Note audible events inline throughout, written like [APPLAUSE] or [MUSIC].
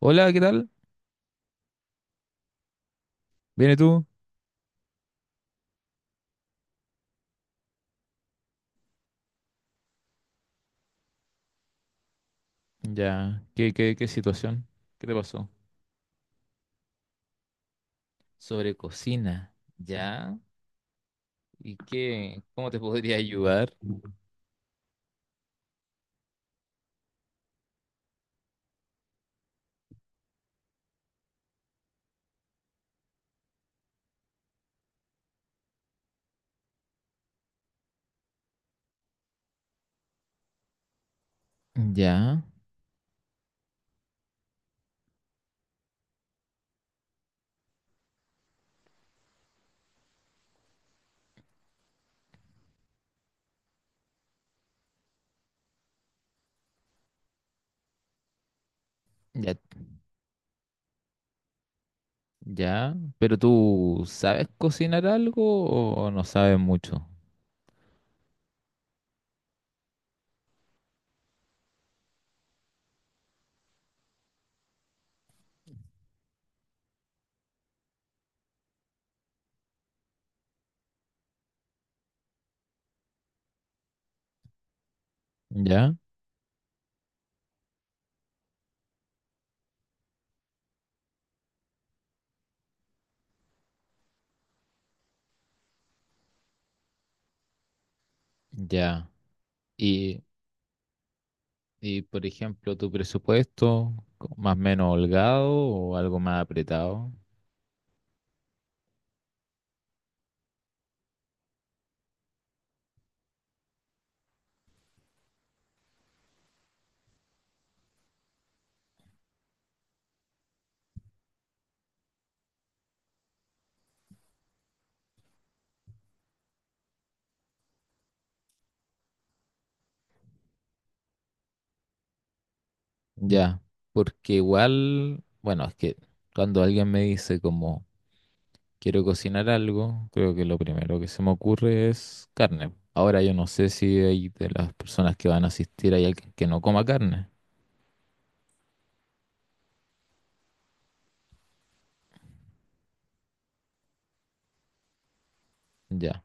Hola, ¿qué tal? ¿Viene tú? Ya, ¿qué situación? ¿Qué te pasó? Sobre cocina, ¿ya? ¿Y qué? ¿Cómo te [LAUGHS] podría ayudar? Ya, ya, ya. Pero tú sabes cocinar algo o no sabes mucho, ¿ya? Ya. Y, y por ejemplo, tu presupuesto, más o menos holgado o algo más apretado, ya. Porque igual, bueno, es que cuando alguien me dice como quiero cocinar algo, creo que lo primero que se me ocurre es carne. Ahora yo no sé si hay de las personas que van a asistir hay alguien que no coma carne, ya.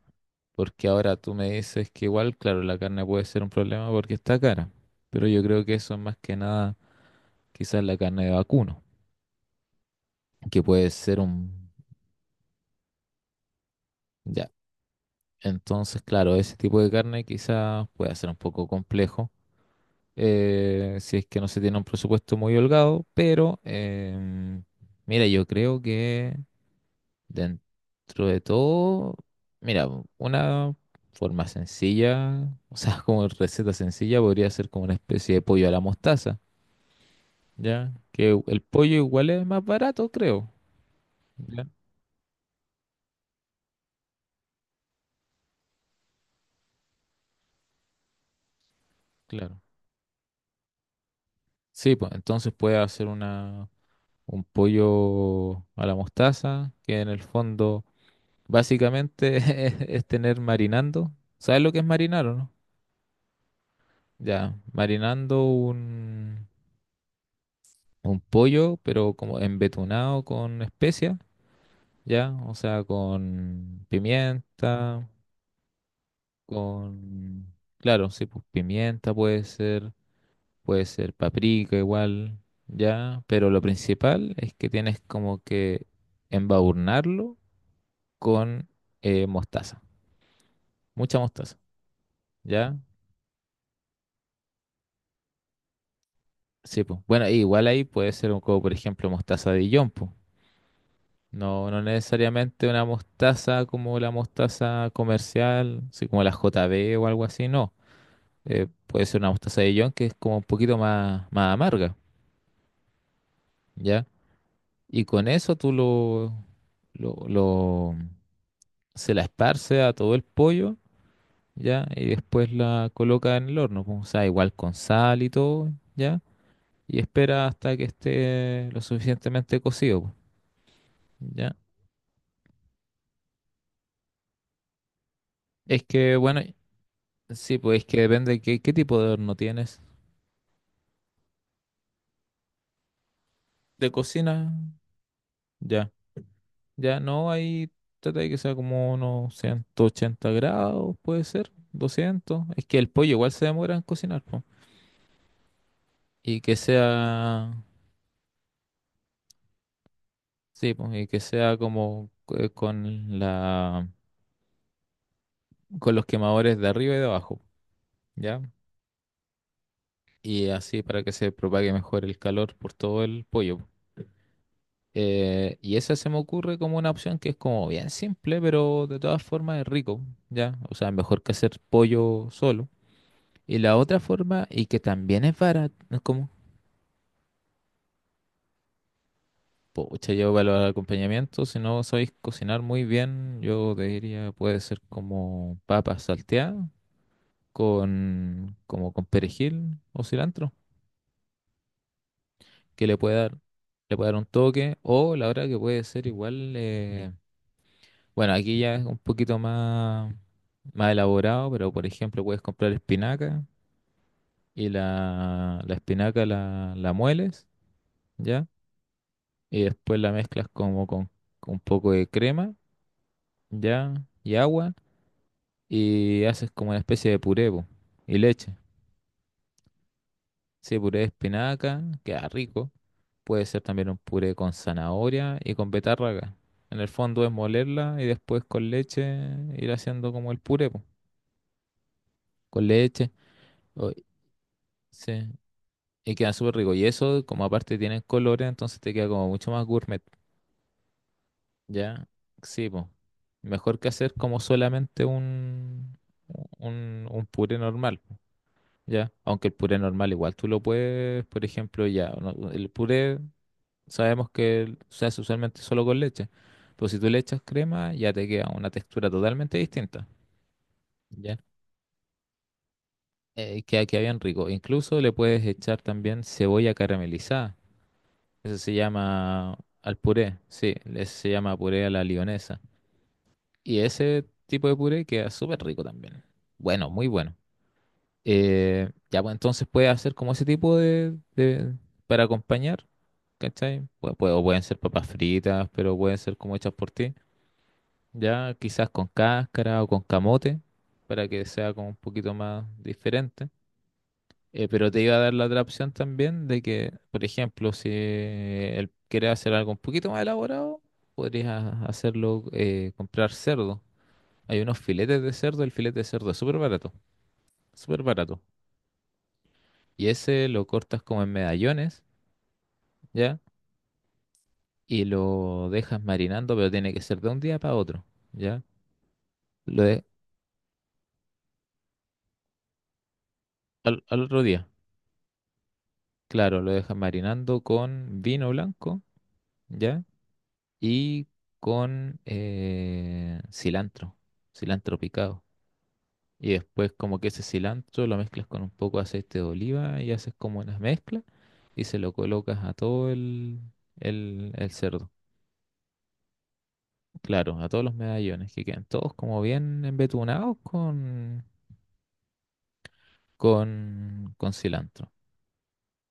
Porque ahora tú me dices que igual, claro, la carne puede ser un problema porque está cara. Pero yo creo que eso es más que nada quizás la carne de vacuno, que puede ser un... ya. Entonces, claro, ese tipo de carne quizás pueda ser un poco complejo, si es que no se tiene un presupuesto muy holgado, mira, yo creo que dentro de todo, mira, una forma sencilla, [LAUGHS] o sea, como receta sencilla podría ser como una especie de pollo a la mostaza, ¿ya? Que el pollo igual es más barato, creo, ¿ya? Claro. Sí, pues entonces puede hacer un pollo a la mostaza, que en el fondo... Básicamente [LAUGHS] es tener marinando. ¿Sabes lo que es marinar o no? Ya, marinando un pollo, pero como embetunado con especias, ya, o sea, con pimienta, con... Claro, sí, pues pimienta puede ser paprika igual, ya, pero lo principal es que tienes como que embadurnarlo con mostaza, mucha mostaza, ya. Sí, pues. Bueno, igual ahí puede ser un como, por ejemplo, mostaza de Dijon, po. No, no necesariamente una mostaza como la mostaza comercial, así como la JB o algo así, no. Puede ser una mostaza de Dijon que es como un poquito más, más amarga, ¿ya? Y con eso tú lo, lo- se la esparce a todo el pollo, ¿ya? Y después la coloca en el horno, po. O sea, igual con sal y todo, ¿ya? Y espera hasta que esté lo suficientemente cocido, po, ¿ya? Es que, bueno, sí, pues es que depende de qué tipo de horno tienes. ¿De cocina? Ya, ya, no, ahí trata de que sea como unos 180 grados, puede ser, 200. Es que el pollo igual se demora en cocinar, pues. Y que sea, sí, pues, y que sea como con con los quemadores de arriba y de abajo, ¿ya? Y así para que se propague mejor el calor por todo el pollo. Y esa se me ocurre como una opción que es como bien simple, pero de todas formas es rico, ¿ya? O sea, mejor que hacer pollo solo. Y la otra forma, y que también es barata, no es como, pucha, yo para los acompañamientos, si no sabéis cocinar muy bien, yo te diría puede ser como papa salteada con, como con perejil o cilantro, que le puede dar un toque, o la otra que puede ser igual... bueno, aquí ya es un poquito más, más elaborado, pero por ejemplo puedes comprar espinaca y la espinaca la mueles, ¿ya? Y después la mezclas como con un poco de crema, ¿ya? Y agua y haces como una especie de puré, po, y leche. Sí, puré de espinaca, queda rico. Puede ser también un puré con zanahoria y con betarraga. En el fondo es molerla y después con leche ir haciendo como el puré, po, con leche. o- Sí. Y queda súper rico. Y eso, como aparte tienen colores, entonces te queda como mucho más gourmet. Ya, sí, pues. Mejor que hacer como solamente un puré normal, po. Ya, aunque el puré normal igual tú lo puedes, por ejemplo, ya. El puré sabemos que se hace usualmente solo con leche. Pero si tú le echas crema, ya te queda una textura totalmente distinta. Ya, queda, queda bien rico. Incluso le puedes echar también cebolla caramelizada. Ese se llama al puré, sí, ese se llama puré a la lionesa. Y ese tipo de puré queda súper rico también. Bueno, muy bueno. Ya, pues entonces puede hacer como ese tipo de, para acompañar, ¿cachai? O pueden ser papas fritas, pero pueden ser como hechas por ti. Ya, quizás con cáscara o con camote, para que sea como un poquito más diferente. Pero te iba a dar la otra opción también de que, por ejemplo, si él quiere hacer algo un poquito más elaborado, podrías hacerlo, comprar cerdo. Hay unos filetes de cerdo, el filete de cerdo es súper barato, súper barato. Y ese lo cortas como en medallones, ¿ya? Y lo dejas marinando, pero tiene que ser de un día para otro, ¿ya? Lo de- al otro día, claro, lo dejas marinando con vino blanco, ¿ya?, y con cilantro, cilantro picado. Y después como que ese cilantro lo mezclas con un poco de aceite de oliva y haces como una mezcla y se lo colocas a todo el cerdo. Claro, a todos los medallones que quedan todos como bien embetunados con cilantro,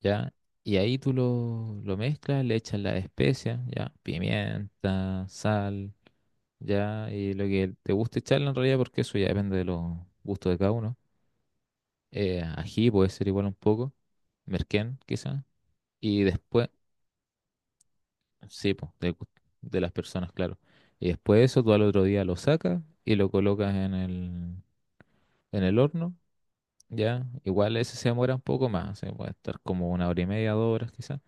¿ya? Y ahí tú lo mezclas, le echas las especias, ¿ya? Pimienta, sal, ya, y lo que te guste echarle en realidad, porque eso ya depende de los gustos de cada uno. Ají puede ser igual un poco, merquén quizá, y después, sí, pues, de, de las personas, claro. Y después de eso, tú al otro día lo sacas y lo colocas en en el horno, ya. Igual ese se demora un poco más, se puede estar como una hora y media, 2 horas quizá,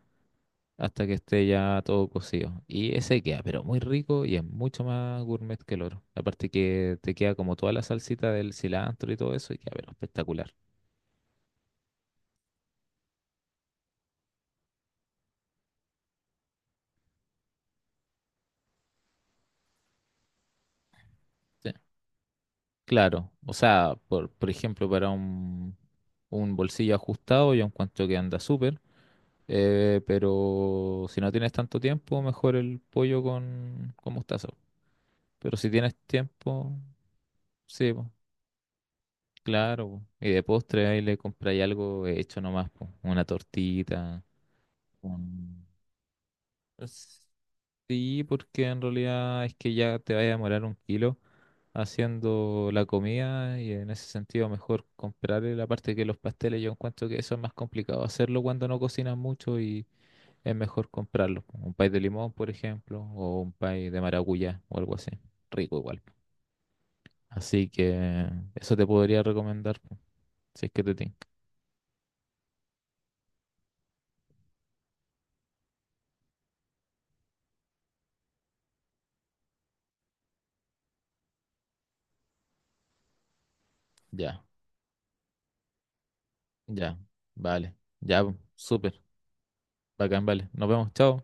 hasta que esté ya todo cocido. Y ese queda, pero muy rico y es mucho más gourmet que el oro. Aparte que te queda como toda la salsita del cilantro y todo eso y queda, pero espectacular. Sí. Claro, o sea, por ejemplo, para un bolsillo ajustado yo encuentro que anda súper, pero si no tienes tanto tiempo, mejor el pollo con mostaza. Pero si tienes tiempo, sí, po, claro, po. Y de postre ahí le compráis algo hecho nomás, po, una tortita. Mm. Es- sí, porque en realidad es que ya te vaya a demorar un kilo haciendo la comida y en ese sentido mejor comprar la parte que los pasteles. Yo encuentro que eso es más complicado hacerlo cuando no cocinas mucho y es mejor comprarlo. Un pay de limón, por ejemplo, o un pay de maracuyá o algo así. Rico igual. Así que eso te podría recomendar, po, si es que te tinca. Ya, ya, vale. Ya, po, súper. Bacán, vale. Nos vemos. Chao.